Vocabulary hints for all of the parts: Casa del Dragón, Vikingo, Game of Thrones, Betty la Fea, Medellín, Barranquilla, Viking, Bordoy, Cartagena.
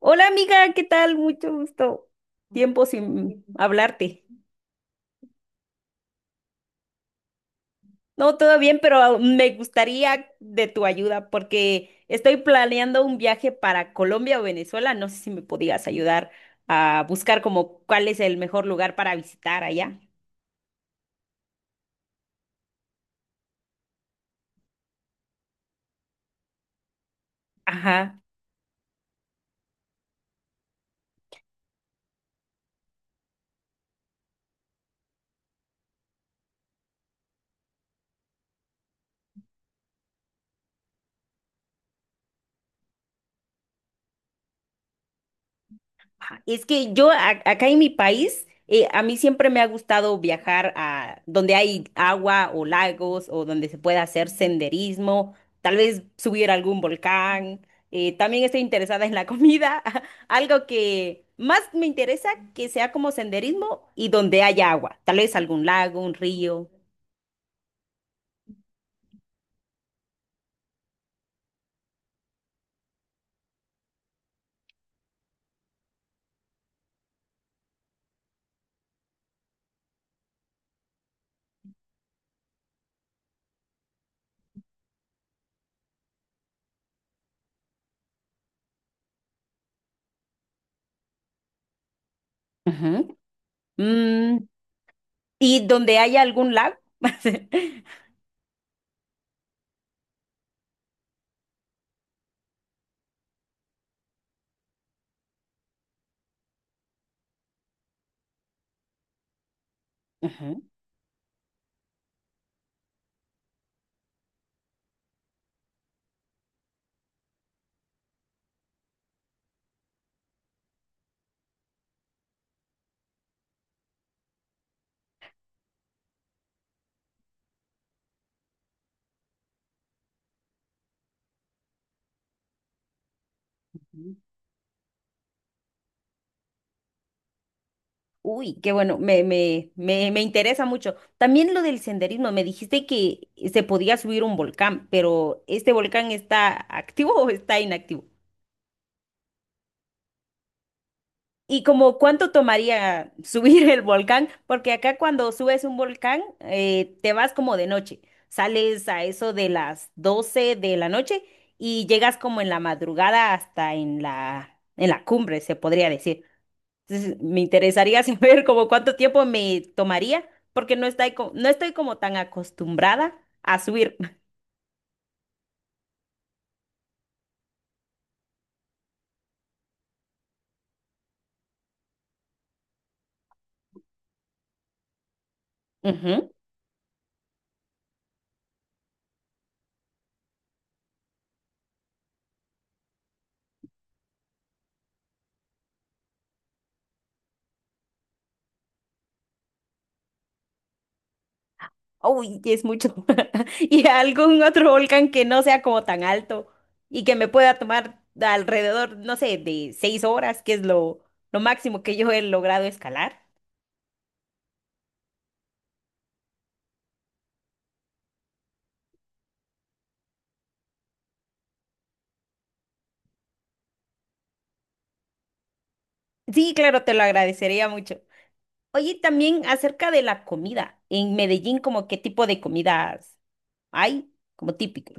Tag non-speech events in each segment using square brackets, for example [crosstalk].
Hola amiga, ¿qué tal? Mucho gusto. Tiempo sin hablarte. No, todo bien, pero me gustaría de tu ayuda porque estoy planeando un viaje para Colombia o Venezuela. No sé si me podías ayudar a buscar como cuál es el mejor lugar para visitar allá. Ajá. Ajá, es que yo acá en mi país, a mí siempre me ha gustado viajar a donde hay agua o lagos o donde se pueda hacer senderismo, tal vez subir a algún volcán. También estoy interesada en la comida, [laughs] algo que más me interesa que sea como senderismo y donde haya agua, tal vez algún lago, un río. Ujú. Mm, y donde haya algún lago. [laughs] Ujú. Uy, qué bueno, me interesa mucho. También lo del senderismo, me dijiste que se podía subir un volcán, pero ¿este volcán está activo o está inactivo? Y como cuánto tomaría [laughs] subir el volcán, porque acá cuando subes un volcán, te vas como de noche, sales a eso de las 12 de la noche y llegas como en la madrugada hasta en en la cumbre, se podría decir. Entonces, me interesaría [laughs] saber como cuánto tiempo me tomaría, porque no estoy, no estoy como tan acostumbrada a subir. [laughs] Ujú. Uy, es mucho. [laughs] Y algún otro volcán que no sea como tan alto y que me pueda tomar alrededor, no sé, de seis horas, que es lo máximo que yo he logrado escalar. Sí, claro, te lo agradecería mucho. Oye, también acerca de la comida. En Medellín, ¿como qué tipo de comidas hay? Como típico.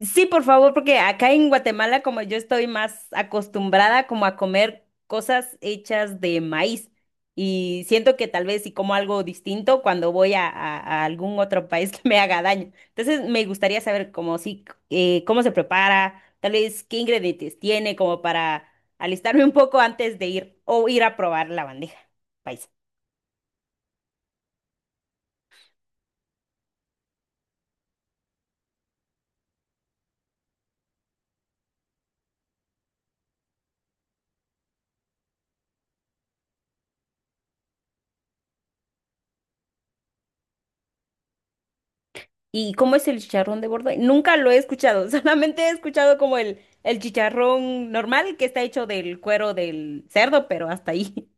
Sí, por favor, porque acá en Guatemala, como yo estoy más acostumbrada como a comer cosas hechas de maíz y siento que tal vez si como algo distinto cuando voy a, a algún otro país [laughs] que me haga daño. Entonces, me gustaría saber cómo si cómo se prepara, tal vez qué ingredientes tiene como para alistarme un poco antes de ir o ir a probar la bandeja paisa. ¿Y cómo es el chicharrón de Bordoy? Nunca lo he escuchado, [laughs] solamente he escuchado como el chicharrón normal que está hecho del cuero del cerdo, pero hasta ahí. [laughs]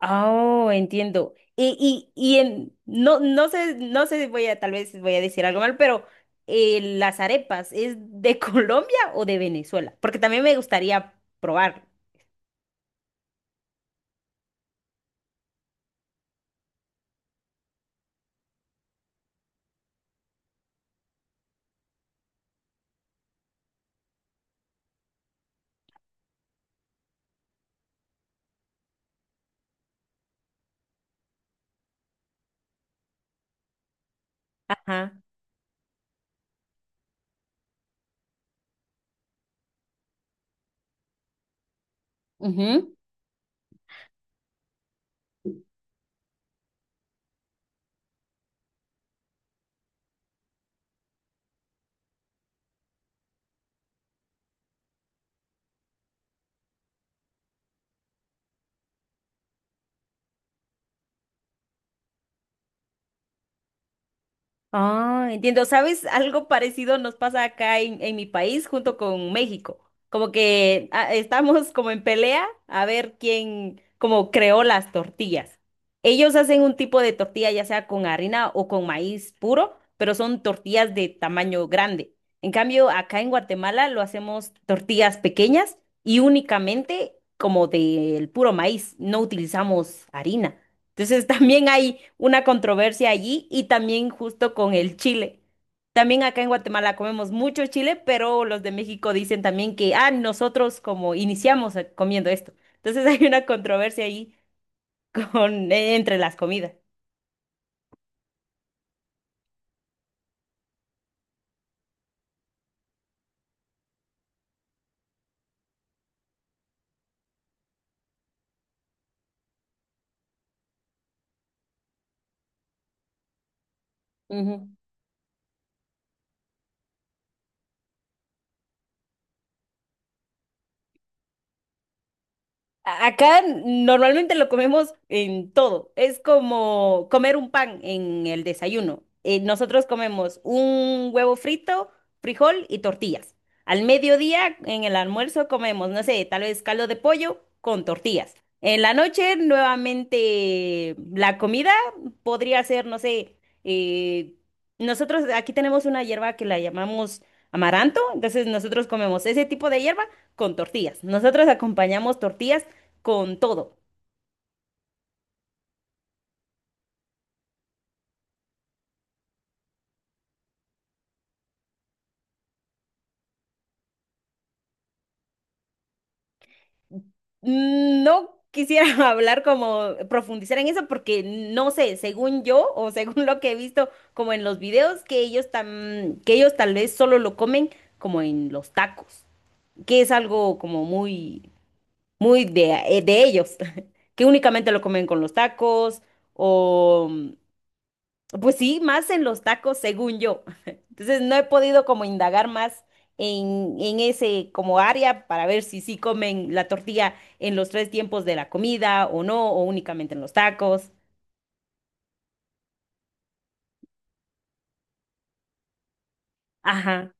Oh, entiendo. Y, y en, no, no sé, si voy a, tal vez voy a decir algo mal, pero las arepas, ¿es de [laughs] Colombia o de Venezuela? Porque también me gustaría probar. Ajá. Ujú. Ah, entiendo. ¿Sabes? Algo parecido nos pasa acá en mi país junto con México. Como que ah, estamos como en pelea a ver quién como creó las tortillas. Ellos hacen un tipo de tortilla ya sea con harina o con maíz puro, pero son tortillas de tamaño grande. En cambio, acá en Guatemala lo hacemos tortillas pequeñas y únicamente como del puro maíz. No utilizamos harina. Entonces [laughs] también hay una controversia allí y también justo con el chile. También acá en Guatemala comemos mucho chile, pero los de México dicen también que, ah, nosotros como iniciamos comiendo esto. Entonces [laughs] hay una controversia ahí con, entre las comidas. Ujú. Acá normalmente lo comemos en todo. Es como comer un pan en el desayuno. Nosotros comemos un huevo frito, frijol y tortillas. Al mediodía, en el almuerzo, comemos, no sé, tal vez caldo de pollo con tortillas. En la noche, nuevamente, la comida podría ser, no sé, eh, nosotros aquí tenemos una hierba que la llamamos amaranto, entonces nosotros comemos ese tipo de hierba con tortillas. Nosotros acompañamos tortillas con todo. No quisiera [laughs] hablar como profundizar en eso porque no sé, según yo o [laughs] según lo que he visto como en los videos que ellos tan, que ellos tal vez solo lo comen como en los tacos, que es algo como muy de ellos, [laughs] que únicamente lo comen con los tacos o pues sí, más en los tacos, según yo. [laughs] Entonces no he podido como indagar más en ese como área para ver si sí comen la tortilla en los tres tiempos de la comida o no, o únicamente en los tacos. Ajá.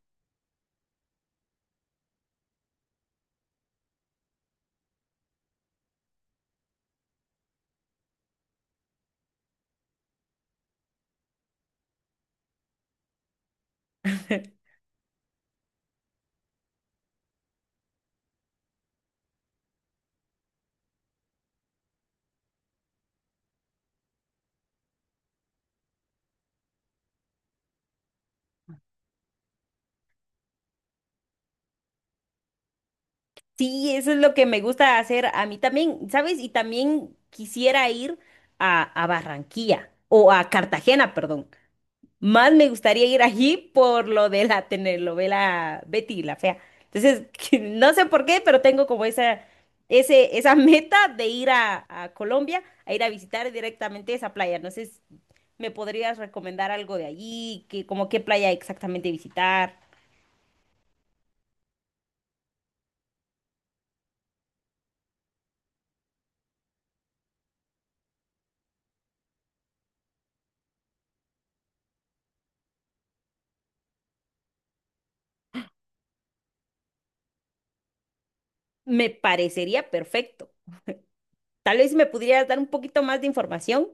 [laughs] Sí, eso es lo que me gusta hacer a mí también, ¿sabes? Y también quisiera ir a Barranquilla o a Cartagena, perdón. Más me gustaría ir allí por lo de la telenovela Betty la Fea. Entonces, [laughs] que no sé por qué, pero tengo como esa, esa meta de ir a Colombia, a ir a visitar directamente esa playa. No sé si me podrías recomendar algo de allí, que, como qué playa exactamente visitar. Me parecería perfecto. Tal vez me pudieras dar un poquito más de información.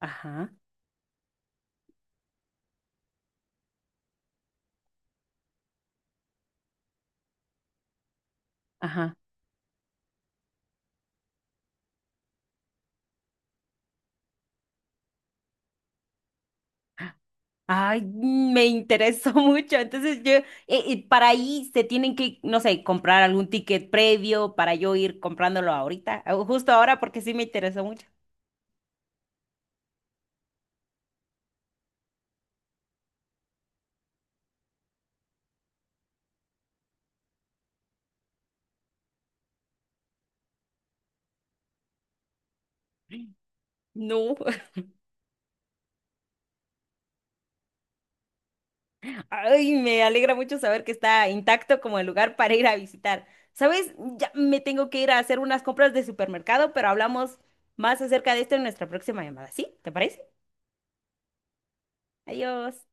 Ajá, ajá. Ay, mm, me interesó [laughs] mucho. Entonces yo, para ahí se tienen que, no sé, comprar algún ticket previo para yo ir comprándolo ahorita, o justo ahora porque sí me interesó mucho. No, [laughs] ay, me alegra mucho saber que está intacto como el lugar para ir a visitar. ¿Sabes? Ya me tengo que ir a hacer unas compras de supermercado, pero hablamos más acerca de esto en nuestra próxima llamada. ¿Sí? ¿Te parece? Adiós.